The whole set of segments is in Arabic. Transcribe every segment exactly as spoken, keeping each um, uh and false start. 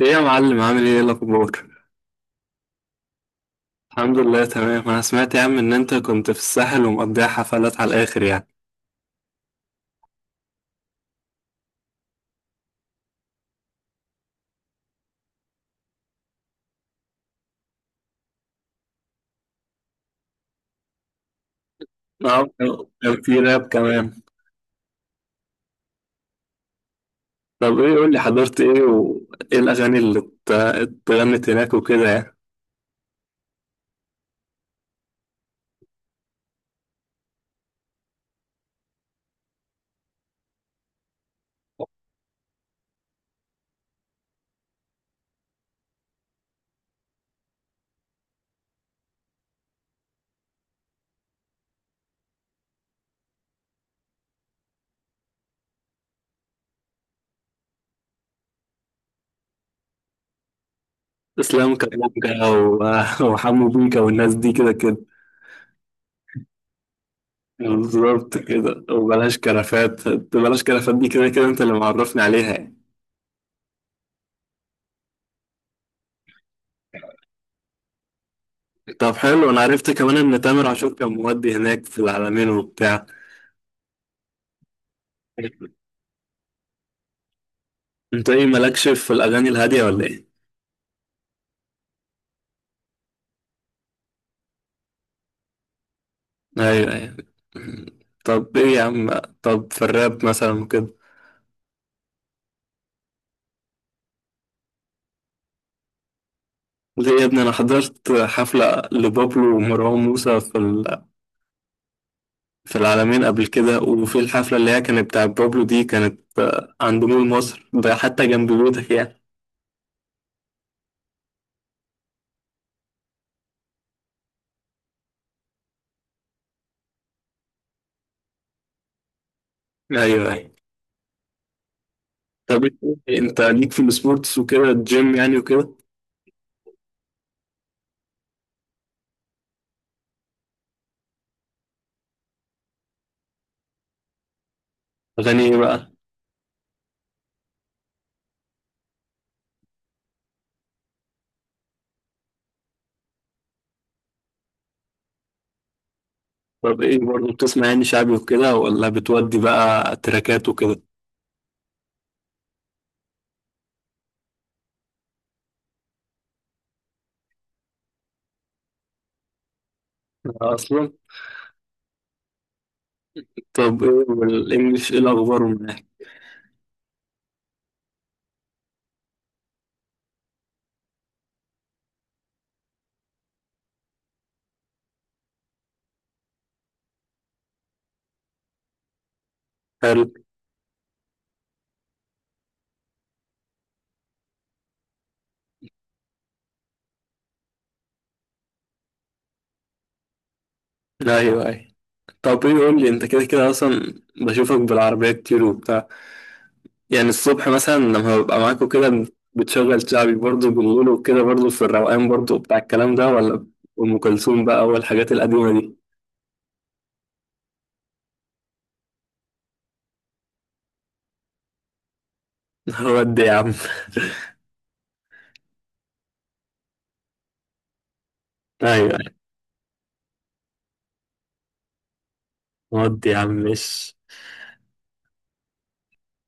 ايه يا معلم، عامل ايه؟ إيه الاخبار؟ الحمد لله، تمام. انا سمعت يا عم ان انت كنت في الساحل ومقضيها حفلات على الاخر يعني. اه. كان في راب كمان؟ طب ايه، قول لي حضرت ايه وايه الاغاني اللي ات- اتغنت هناك وكده يعني؟ اسلام كابونجا و- وحمو بيكا والناس دي كده كده. بالظبط كده، وبلاش كرفات. بلاش كرفات دي كده كده انت اللي معرفني عليها يعني. طب حلو. انا عرفت كمان ان تامر عاشور كان مودي هناك في العلمين وبتاع. انت ايه، مالكش في الاغاني الهاديه ولا ايه؟ ايوه، ايوه. طب ايه يا عم؟ طب في الراب مثلا كده؟ ليه يا ابني؟ انا حضرت حفله لبابلو ومروان موسى في ال- في العلمين قبل كده، وفي الحفله اللي هي كانت بتاعت بابلو دي كانت آه، عند مول مصر ده حتى جنب بيوتك يعني. ايوه، أيوة. طب إيه، انت ليك في السبورتس وكده الجيم يعني وكده؟ اغاني ايه بقى؟ طب ايه برضه بتسمع، يعني شعبي وكده ولا بتودي بقى تراكات وكده؟ اصلا. طب ايه، والانجليش ايه الاخبار معاك؟ حلو. ايوه، ايوه. طب ايه، قول لي. انت كده كده اصلا بشوفك بالعربيه كتير وبتاع، يعني الصبح مثلا لما ببقى معاك وكده، بتشغل شعبي برضه بالليل وكده برضه في الروقان برضه بتاع الكلام ده، ولا ام كلثوم بقى والحاجات القديمه دي؟ ودي يا عم. ايوه، أيوة. ودي يا عم، ماشي.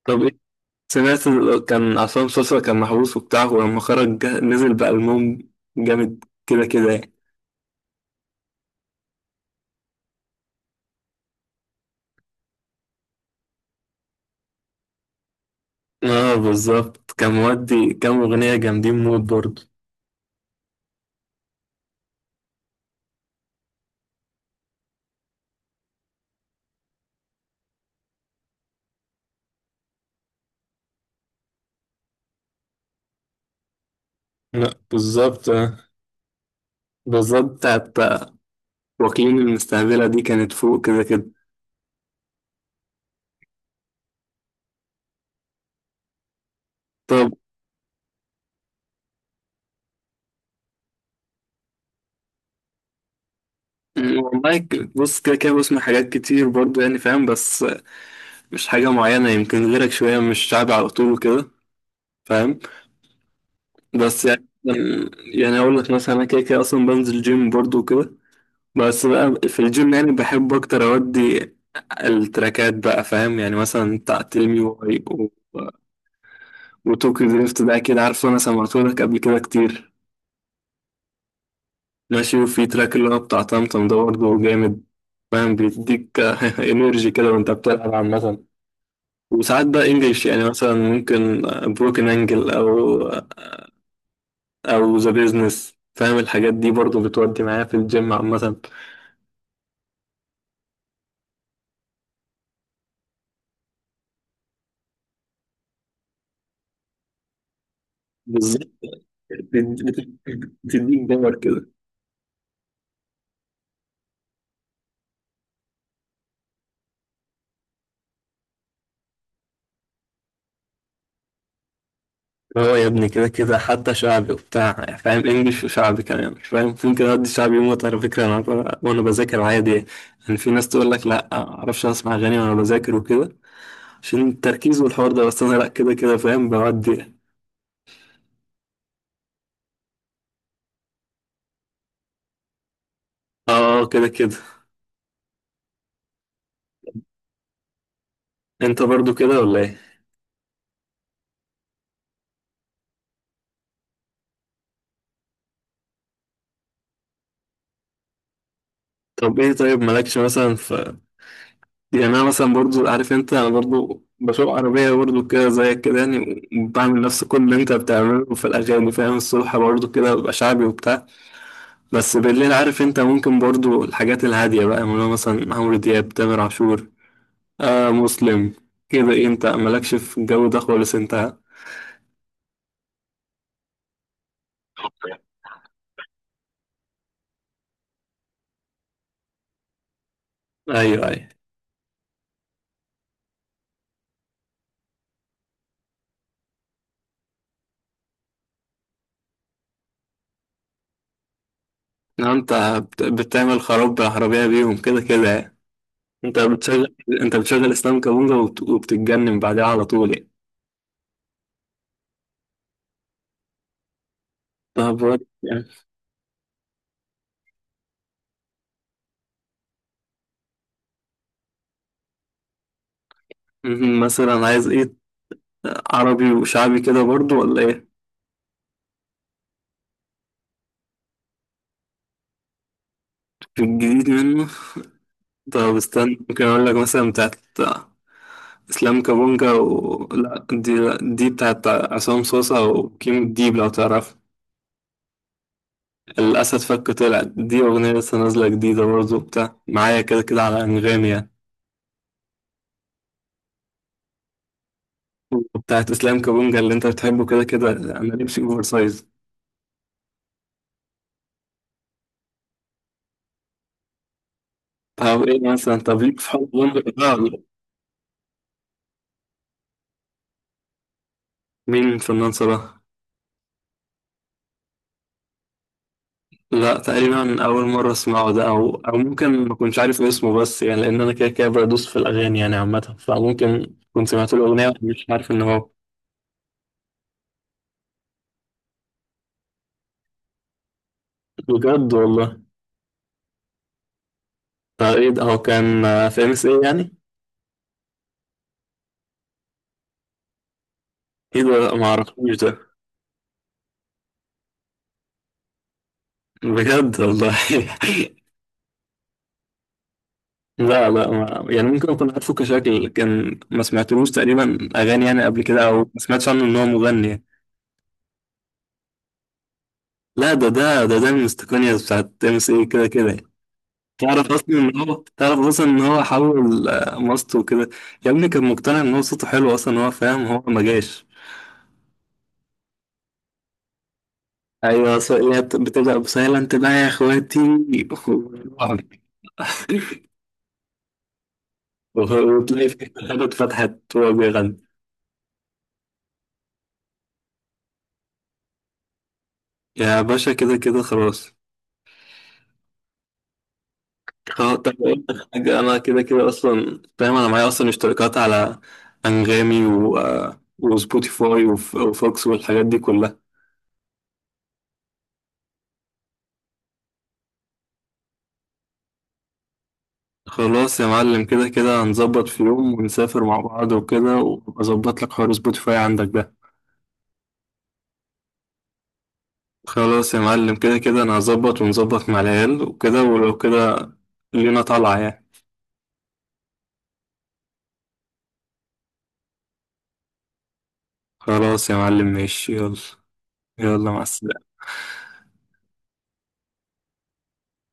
طب إيه؟ سمعت ال- كان عصام سوسة كان محبوس وبتاع، ولما خرج جا- نزل بألبوم جامد كده كده يعني. اه بالظبط، كان مودي كام أغنية جامدين موت برضه. لا بالظبط، آه. بالظبط بتاعت، آه، واكلين المستقبلة دي كانت فوق كده كده. طب م، والله، ك- بص، كده كده بسمع حاجات كتير برضه يعني فاهم، بس آه، مش حاجة معينة. يمكن غيرك شوية، مش شعبي على طول كده فاهم. بس يعني م، يعني أقول لك مثلا، أنا كده كده أصلا بنزل جيم برضه كده، بس بقى في الجيم يعني بحب أكتر أودي التراكات بقى فاهم. يعني مثلا بتاع تيل مي واي و... وتوكيو دريفت ده أكيد عارفه، أنا سمعتهولك قبل كده كتير. ماشي. وفي تراك اللي هو بتاع طمطم ده برضه جامد فاهم، بيديك انرجي كده وأنت بتلعب عامة. وساعات بقى إنجلش، يعني مثلا ممكن بروكن أنجل، أو أو ذا بيزنس فاهم. الحاجات دي برضه بتودي معايا في الجيم عامة. بالظبط. بت- بت- بتديك باور كده. هو يا ابني كده كده حتى شعبي وبتاع فاهم، انجلش وشعبي كمان مش فاهم. ممكن ادي شعبي موت على فكره، انا ب- وانا بذاكر عادي يعني. يعني في ناس تقول لك لا معرفش اسمع اغاني وانا بذاكر وكده عشان التركيز والحوار ده، بس انا لا كده كده فاهم بودي يعني. اه كده كده. انت برضو كده ولا ايه؟ طب ايه؟ طيب مالكش مثلا ف يعني. انا مثلا برضو عارف انت، انا برضو بسوق عربيه برضو كده زيك كده يعني، وبعمل نفس كل اللي انت بتعمله في الاغاني فاهم. الصبح برضو كده ببقى شعبي وبتاع، بس بالليل عارف انت ممكن برضو الحاجات الهادية بقى، اللي هو مثلا عمرو دياب، تامر عاشور، آه مسلم كده. ايه، انت مالكش في الجو ده خالص انت؟ ايوه، ايوه. لو انت بت- بتعمل خراب بالعربية بيهم كده كده يعني. انت بتشغل انت بتشغل اسلام كابونجا وبت- وبتتجنن بعدها على طول يعني. طب وات- يعني. مهم. مثلا عايز ايه، عربي وشعبي كده برضو ولا ايه؟ في الجديد منه. طب استنى، ممكن اقول لك مثلا بتاعت اسلام كابونجا و... لا، دي دي بتاعت عصام صوصة وكيم الديب لو تعرف. الأسد فك طلع، دي أغنية لسه نازلة جديدة برضه، بتاع معايا كده كده على أنغامي يعني. وبتاعت إسلام كابونجا اللي أنت بتحبه كده كده، أنا لبسي أوفر سايز. طب إيه مثلا، طب ليك في حب بونجا ده ولا؟ مين فنان صراحة؟ لا تقريبا أول مرة أسمعه ده، أو أو ممكن ما كنتش عارف اسمه، بس يعني لأن أنا كده كده بدوس في الأغاني يعني عامة، فممكن كنت سمعت له أغنية مش عارف إن هو. بجد والله. آه، ايه ده، هو كان آه، في ام اس ايه يعني؟ ايه ده، ما اعرفوش ده. بجد والله. لا لا، ما يعني ممكن اكون عارفه كشكل، لكن ما سمعتلوش تقريبا اغاني يعني قبل كده، او ما سمعتش عنه ان هو مغني يعني. لا ده ده ده ده من استقنية بتاعت ام اس ايه كده كده يعني. تعرف اصلا ان هو تعرف اصلا ان هو حول آه، ماسته وكده. يا ابني كان مقتنع ان هو صوته حلو اصلا، هو فاهم، هو ما جاش. ايوه ص- هي بت- بتبدا بسايلنت بقى يا اخواتي. وتلاقي في حتة حلوة اتفتحت وهو بيغني. يا باشا كده كده خلاص. خلاص طب. أقول لك حاجة، أنا كده كده أصلا فاهم. أنا معايا أصلا اشتراكات على أنغامي و... آه، وسبوتيفاي وف... وفوكس والحاجات دي كلها. خلاص يا معلم، كده كده هنظبط في يوم ونسافر مع بعض وكده، وأظبط لك حوار سبوتيفاي عندك ده. خلاص يا معلم كده كده، أنا هظبط ونظبط مع العيال وكده، ولو كده لينا طالعة يعني. خلاص يا معلم ماشي، يلا. يلا مع السلامة.